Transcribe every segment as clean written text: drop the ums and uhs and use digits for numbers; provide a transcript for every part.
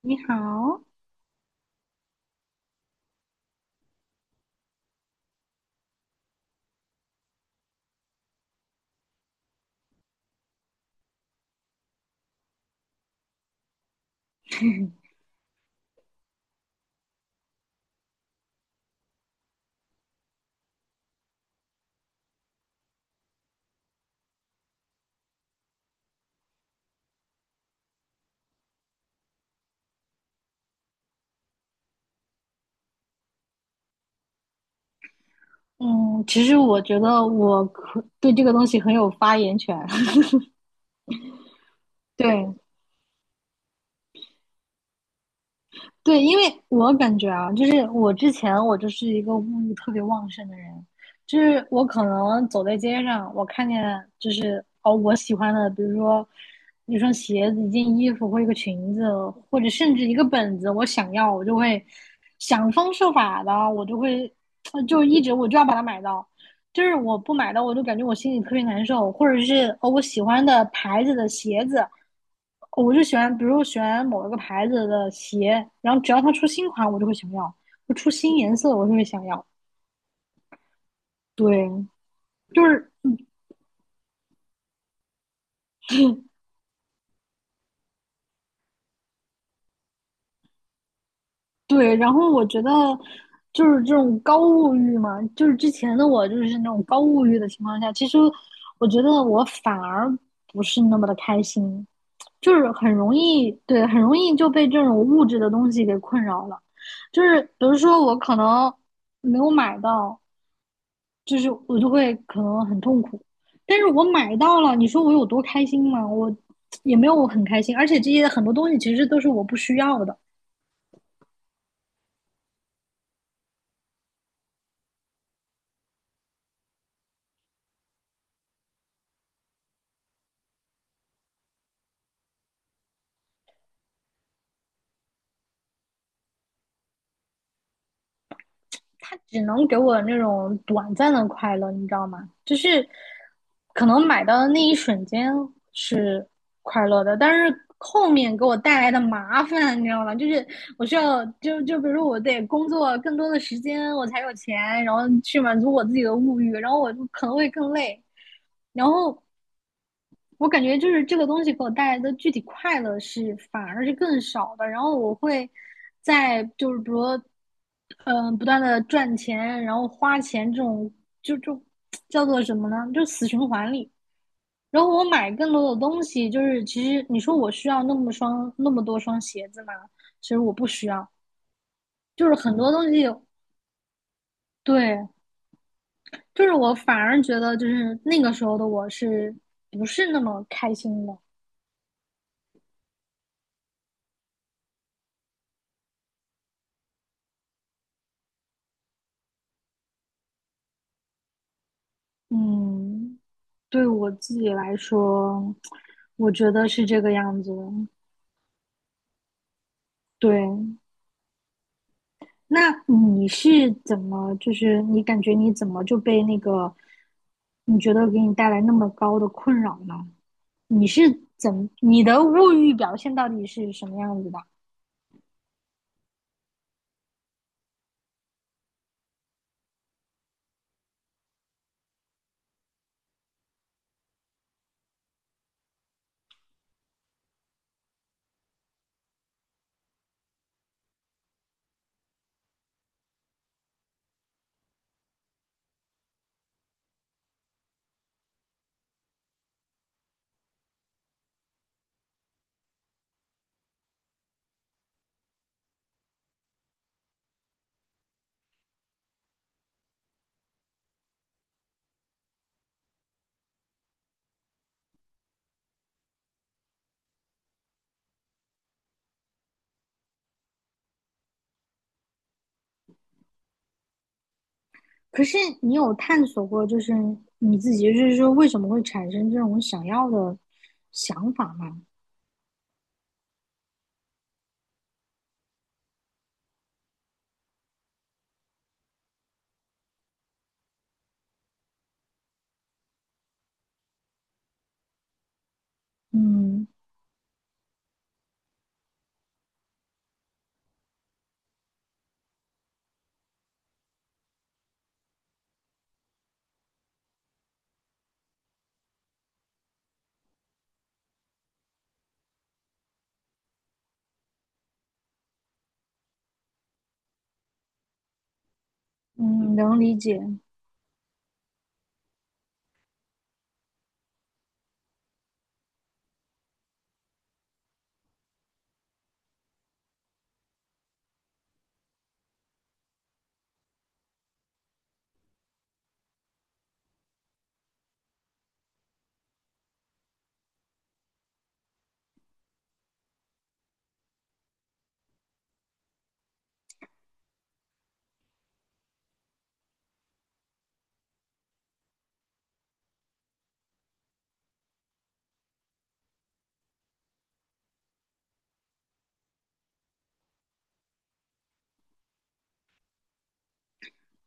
你好，嗯，其实我觉得我可对这个东西很有发言权。对对，因为我感觉啊，我之前我就是一个物欲特别旺盛的人，就是我可能走在街上，我看见我喜欢的，比如说一双鞋子、一件衣服或一个裙子，或者甚至一个本子，我想要，我就会想方设法的，我就会 就一直我就要把它买到。就是我不买的，我就感觉我心里特别难受，或者是，我喜欢的牌子的鞋子，哦我就喜欢，比如喜欢某一个牌子的鞋，然后只要它出新款，我就会想要；就出新颜色，我就会想要。对，就是对。然后我觉得就是这种高物欲嘛，就是之前的我就是那种高物欲的情况下，其实我觉得我反而不是那么的开心。就是很容易，对，很容易就被这种物质的东西给困扰了。就是比如说我可能没有买到，就是我就会可能很痛苦。但是我买到了，你说我有多开心吗？我也没有我很开心，而且这些很多东西其实都是我不需要的。它只能给我那种短暂的快乐，你知道吗？就是可能买到的那一瞬间是快乐的，但是后面给我带来的麻烦，你知道吗？就是我需要就比如我得工作更多的时间，我才有钱，然后去满足我自己的物欲，然后我就可能会更累，然后我感觉就是这个东西给我带来的具体快乐是反而是更少的，然后我会在就是比如说，不断的赚钱，然后花钱这种就就叫做什么呢？就死循环里。然后我买更多的东西，就是其实你说我需要那么双那么多双鞋子吗？其实我不需要，就是很多东西，对，就是我反而觉得就是那个时候的我是不是那么开心的，嗯。对我自己来说，我觉得是这个样子。对，那你是怎么，就是你感觉你怎么就被那个，你觉得给你带来那么高的困扰呢？你是怎么，你的物欲表现到底是什么样子的？可是你有探索过，就是你自己，就是说为什么会产生这种想要的想法吗？嗯嗯，能理解。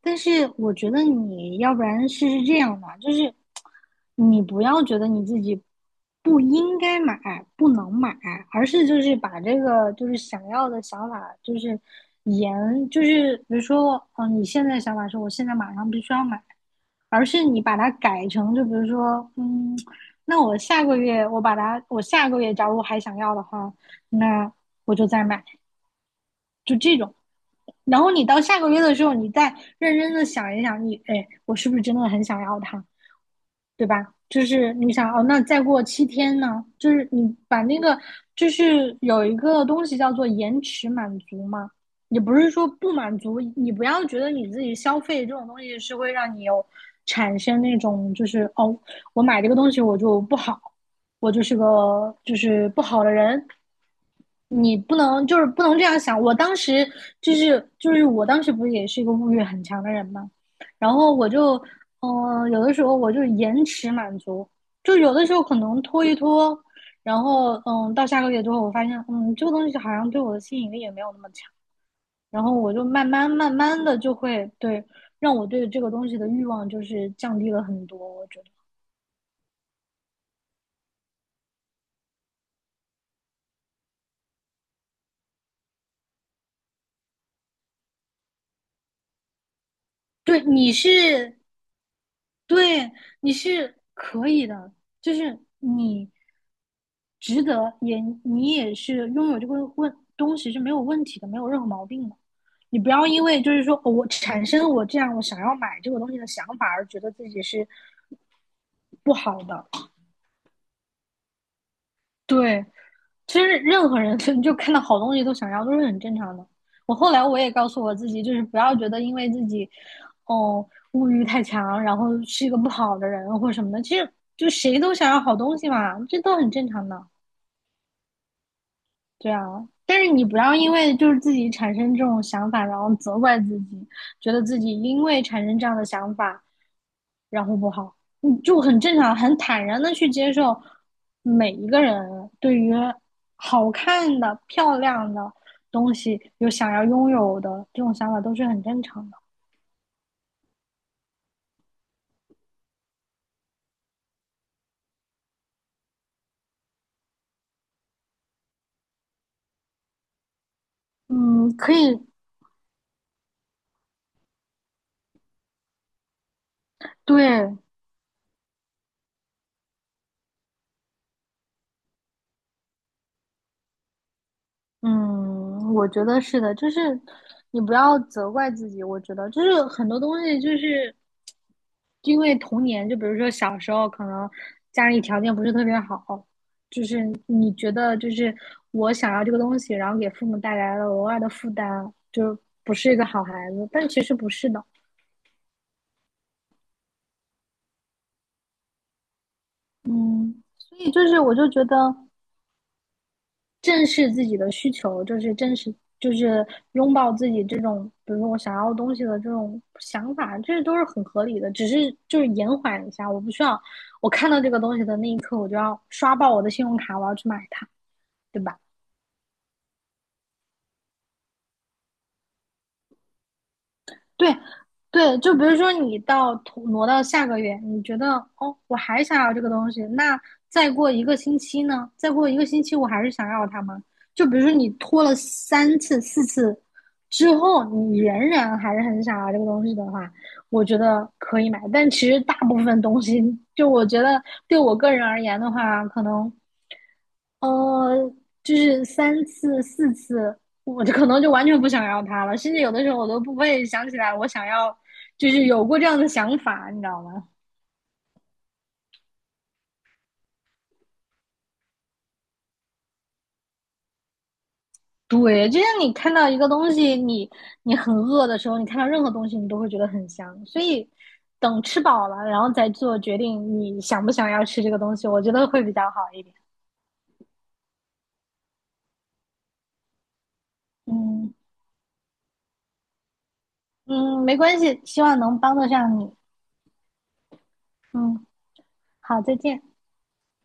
但是我觉得你要不然试试这样吧，就是你不要觉得你自己不应该买、不能买，而是就是把这个就是想要的想法，就是延，就是比如说，嗯，你现在想法是我现在马上必须要买，而是你把它改成就比如说，嗯，那我下个月假如还想要的话，那我就再买，就这种。然后你到下个月的时候，你再认真的想一想，你哎，我是不是真的很想要它，对吧？就是你想哦，那再过七天呢？就是你把那个，就是有一个东西叫做延迟满足嘛，也不是说不满足，你不要觉得你自己消费这种东西是会让你有产生那种就是哦，我买这个东西我就不好，我就是个就是不好的人，你不能不能这样想。我当时就是我当时不是也是一个物欲很强的人嘛，然后我就有的时候我就是延迟满足，就有的时候可能拖一拖，然后嗯到下个月之后，我发现嗯这个东西好像对我的吸引力也没有那么强，然后我就慢慢的就会对让我对这个东西的欲望就是降低了很多。我觉得，对你是对，你是可以的，就是你值得，也你也是拥有这个问东西是没有问题的，没有任何毛病的。你不要因为就是说哦我产生我这样我想要买这个东西的想法而觉得自己是不好的。对，其实任何人 就看到好东西都想要，都是很正常的。我后来我也告诉我自己，就是不要觉得因为自己，哦，物欲太强，然后是一个不好的人或什么的。其实就谁都想要好东西嘛，这都很正常的。对啊，但是你不要因为就是自己产生这种想法，然后责怪自己，觉得自己因为产生这样的想法然后不好，嗯，就很正常，很坦然的去接受每一个人对于好看的、漂亮的东西有想要拥有的这种想法都是很正常的。嗯，可以，对，嗯，我觉得是的，就是你不要责怪自己，我觉得就是很多东西就是因为童年，就比如说小时候，可能家里条件不是特别好，就是你觉得就是我想要这个东西，然后给父母带来了额外的负担，就不是一个好孩子。但其实不是的，嗯，所以就是我就觉得正视自己的需求，就是正视，就是拥抱自己这种，比如说我想要东西的这种想法，这都是很合理的。只是就是延缓一下，我不需要我看到这个东西的那一刻，我就要刷爆我的信用卡，我要去买它，对吧？对对，就比如说拖挪到下个月，你觉得哦，我还想要这个东西，那再过一个星期呢？再过一个星期，我还是想要它吗？就比如说你拖了三次、四次之后，你仍然还是很想要这个东西的话，我觉得可以买。但其实大部分东西，就我觉得对我个人而言的话，可能呃，就是三次四次，我就可能就完全不想要它了，甚至有的时候我都不会想起来我想要，就是有过这样的想法，你知道吗？对，就像你看到一个东西，你很饿的时候，你看到任何东西，你都会觉得很香。所以等吃饱了，然后再做决定，你想不想要吃这个东西，我觉得会比较好一点。嗯嗯，没关系，希望能帮得上你。嗯，好，再见。